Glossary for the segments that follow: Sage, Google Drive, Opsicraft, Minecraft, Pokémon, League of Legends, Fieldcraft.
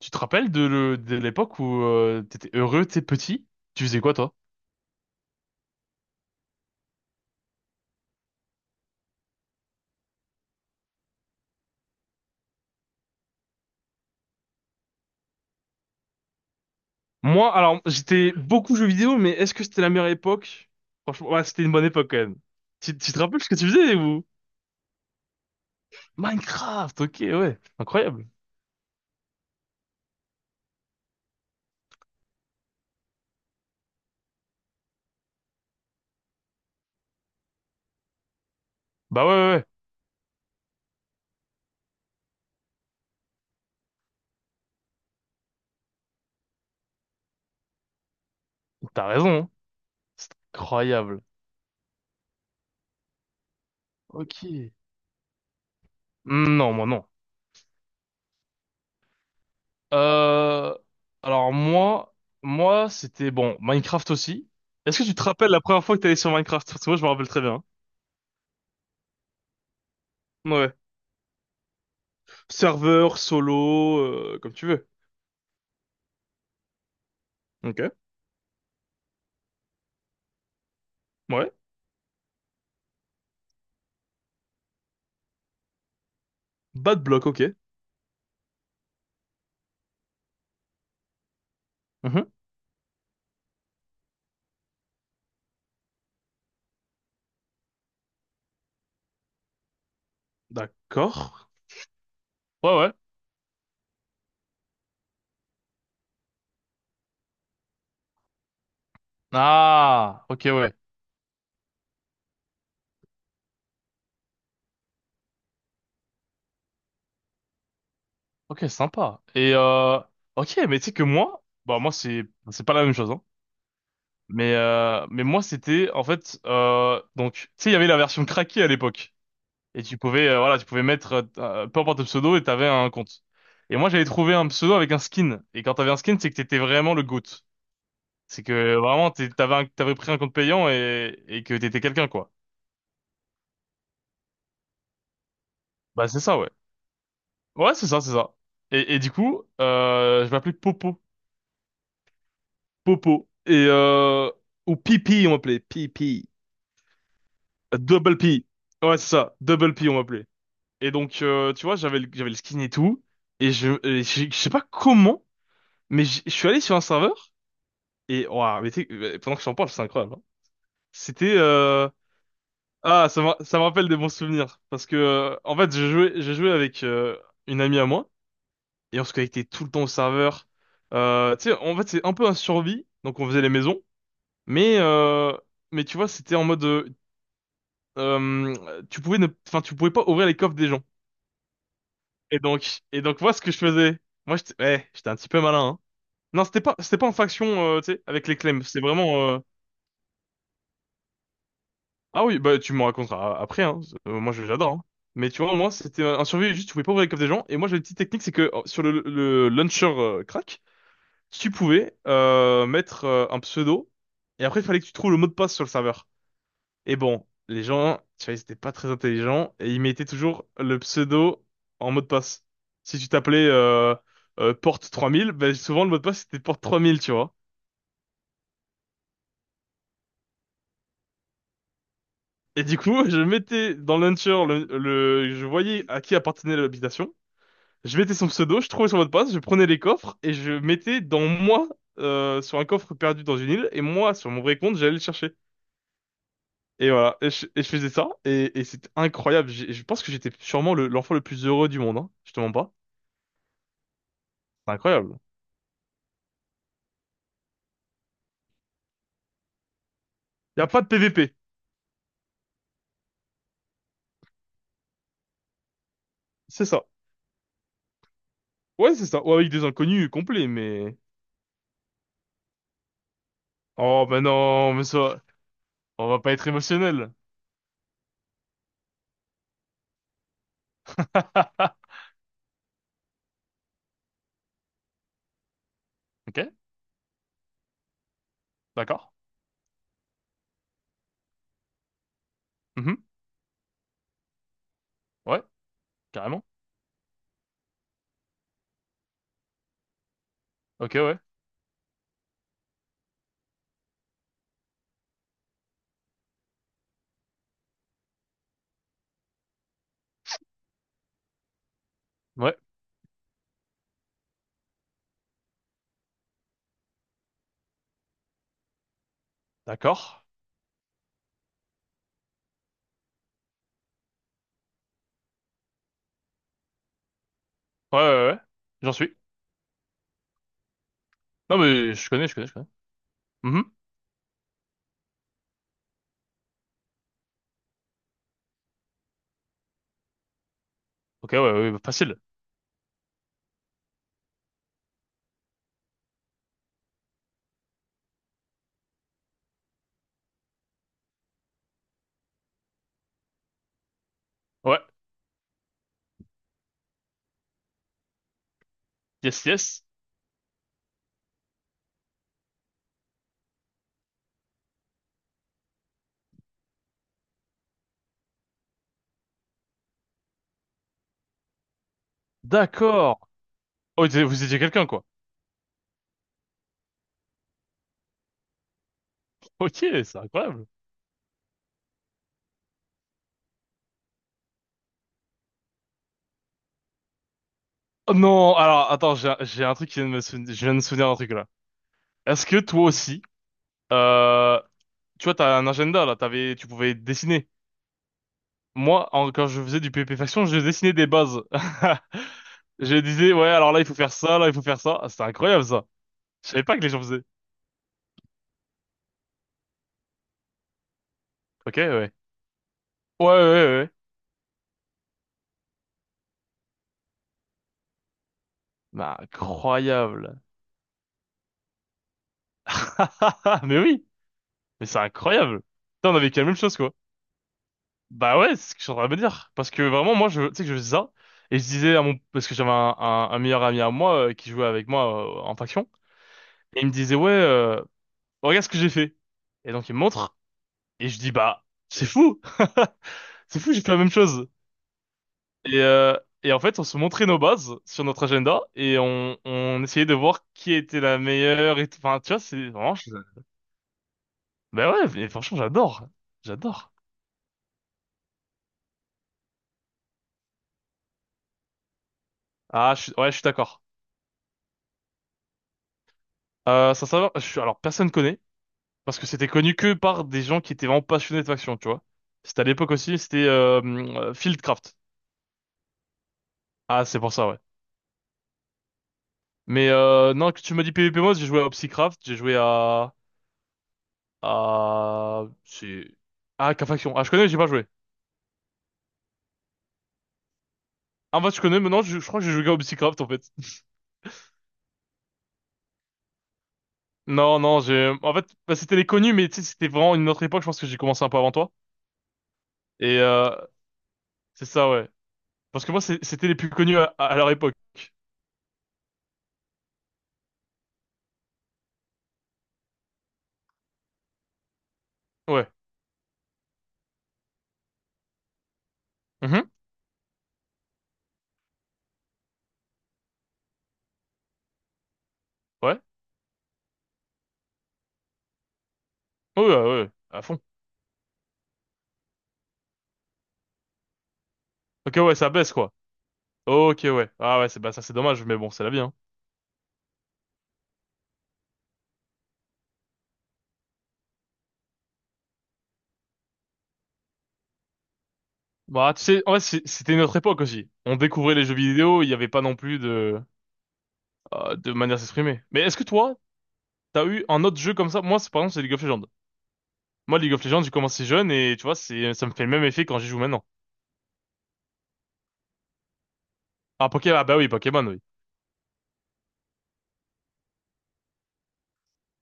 Tu te rappelles de l'époque où t'étais heureux, t'es petit? Tu faisais quoi, toi? Moi, alors, j'étais beaucoup jeux vidéo, mais est-ce que c'était la meilleure époque? Franchement, ouais, c'était une bonne époque quand même. Tu te rappelles ce que tu faisais ou? Minecraft, ok, ouais, incroyable. Bah ouais, ouais, ouais, t'as raison, hein. C'est incroyable. Ok. Non, moi non. Euh, alors moi, Moi, c'était bon, Minecraft aussi. Est-ce que tu te rappelles la première fois que t'allais sur Minecraft? Parce que moi, je me rappelle très bien. Ouais. Serveur, solo, comme tu veux. Ok. Ouais. Bad block, ok. Mhm. D'accord. Ouais, ouais. Ah, ok, ouais. Ok, sympa. Ok, mais tu sais que moi, bah, moi, c'est pas la même chose, hein. Mais moi, c'était, en fait, donc, tu sais, il y avait la version craquée à l'époque. Et tu pouvais, voilà, tu pouvais mettre, peu importe le pseudo et t'avais un compte. Et moi, j'avais trouvé un pseudo avec un skin. Et quand t'avais un skin, c'est que t'étais vraiment le GOAT. C'est que vraiment, t'avais pris un compte payant et que t'étais quelqu'un, quoi. Bah, c'est ça, ouais. Ouais, c'est ça, c'est ça. Et du coup, je m'appelais Popo. Popo. Et, ou Pipi, on m'appelait. Pipi. Double P. Ouais, c'est ça. Double P, on m'appelait. Et donc, tu vois, j'avais le skin et tout. Je sais pas comment, mais je suis allé sur un serveur. Et, waouh, mais tu pendant que je t'en parle, c'est incroyable, hein. C'était, euh, Ah, ça me rappelle des bons souvenirs. Parce que, en fait, j'ai joué avec une amie à moi. Et on se connectait tout le temps au serveur. Tu sais, en fait, c'est un peu un survie. Donc, on faisait les maisons. Mais, euh, mais tu vois, c'était en mode. Tu pouvais ne, enfin, tu pouvais pas ouvrir les coffres des gens. Moi, ce que je faisais... Moi, j'étais ouais, j'étais un petit peu malin, hein. Non, c'était pas, C'était pas en faction, tu sais, avec les claims. C'était vraiment... Ah oui, bah tu me raconteras après, hein. Moi j'adore, hein. Mais tu vois, moi c'était un survie, juste tu pouvais pas ouvrir les coffres des gens. Et moi j'ai une petite technique, c'est que sur le launcher crack, tu pouvais mettre un pseudo. Et après il fallait que tu trouves le mot de passe sur le serveur. Et bon, les gens, tu vois, ils étaient pas très intelligents et ils mettaient toujours le pseudo en mot de passe. Si tu t'appelais porte 3000, bah, souvent le mot de passe c'était porte trois mille, tu vois. Et du coup, je mettais dans le launcher, je voyais à qui appartenait l'habitation. Je mettais son pseudo, je trouvais son mot de passe, je prenais les coffres et je mettais dans moi sur un coffre perdu dans une île et moi sur mon vrai compte j'allais le chercher. Et voilà, et je faisais ça et c'était incroyable. Je pense que j'étais sûrement l'enfant le plus heureux du monde, hein. Je te mens pas. C'est incroyable. Y a pas de PVP, c'est ça. Ouais, c'est ça. Ou avec des inconnus complets, mais... Oh, bah non, mais ça... On va pas être émotionnel. Ok, d'accord. Mhm. Ouais, carrément. Ok, ouais. Ouais, d'accord. Ouais, ouais, ouais. J'en suis. Non, mais je connais. Mhm. Ok, ouais, ouais, facile. Ouais, yes, yes. D'accord. Oh, vous étiez quelqu'un, quoi. Ok, c'est incroyable. Oh non, alors, attends, j'ai un truc qui vient de me souvenir, je viens de me souvenir d'un truc, là. Est-ce que toi aussi, euh, tu vois, t'as un agenda, là, t'avais, tu pouvais dessiner. Moi, quand je faisais du PP Faction, je dessinais des bases. Je disais, ouais, alors là, il faut faire ça, là, il faut faire ça. Ah, c'était incroyable, ça. Je savais pas que les gens faisaient. Ok, ouais. Ouais, ouais, ouais, ouais. Bah, incroyable. Mais oui. Mais c'est incroyable. Putain, on avait vécu la même chose, quoi. Bah ouais, c'est ce que je suis en train de me dire. Parce que vraiment, moi, je, tu sais que je faisais ça. Et je disais à parce que j'avais un meilleur ami à moi, qui jouait avec moi, en faction. Et il me disait, ouais, regarde ce que j'ai fait. Et donc, il me montre. Et je dis, bah, c'est fou. C'est fou, j'ai fait la même chose. Et, euh, et en fait, on se montrait nos bases sur notre agenda. On essayait de voir qui était la meilleure. Et tout, enfin, tu vois, c'est vraiment, bah ouais, mais franchement, j'adore. J'adore. Ah, ouais, je suis d'accord. Ça savoir, je suis, Alors personne connaît, parce que c'était connu que par des gens qui étaient vraiment passionnés de faction, tu vois. C'était à l'époque aussi, c'était Fieldcraft. Ah, c'est pour ça, ouais. Mais non, que tu m'as dit PvP Mode, j'ai joué à Opsicraft, j'ai joué à... c'est... Ah, qu'à faction. Ah, je connais, j'ai pas joué. Ah, en fait, je connais, mais non, je crois que j'ai joué à Opsicraft, en fait. Non, non, j'ai... En fait, bah, c'était les connus, mais tu sais, c'était vraiment une autre époque, je pense que j'ai commencé un peu avant toi. Et euh, c'est ça, ouais. Parce que moi, c'était les plus connus à leur époque. Ouais. Mhm. Ouais. Oui, ouais, ouais, à fond. Ok, ouais, ça baisse, quoi. Ok, ouais. Ah ouais, c'est bah ça c'est dommage, mais bon, c'est la vie, hein. Bah, tu sais, en vrai, c'était une autre époque aussi. On découvrait les jeux vidéo, il n'y avait pas non plus de manière de s'exprimer. Mais est-ce que toi, t'as eu un autre jeu comme ça? Moi, c'est, par exemple, c'est League of Legends. Moi, League of Legends, j'ai commencé jeune et tu vois, c'est, ça me fait le même effet quand j'y joue maintenant. Ah, Pokémon, ah bah oui, Pokémon, oui.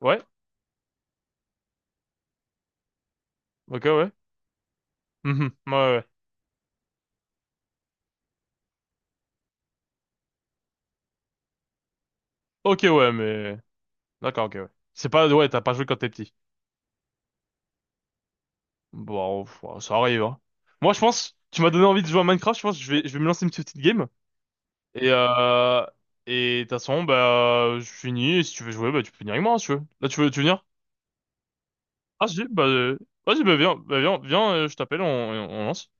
Ouais, ok, ouais. Mhm, ouais, ouais, ouais. Ok, ouais, mais... D'accord, ok, ouais. C'est pas, ouais, t'as pas joué quand t'es petit. Bon, pff, ouais, ça arrive, hein. Moi, je pense, tu m'as donné envie de jouer à Minecraft, je pense que je vais me lancer une petite game. Et, euh, et de toute façon, bah, je finis. Et si tu veux jouer, bah, tu peux venir avec moi, hein, si tu veux. Là, tu veux venir? Ah, si, bah, vas-y, viens, je t'appelle, on lance.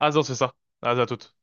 Ah, non, c'est ça. Ah, à toute.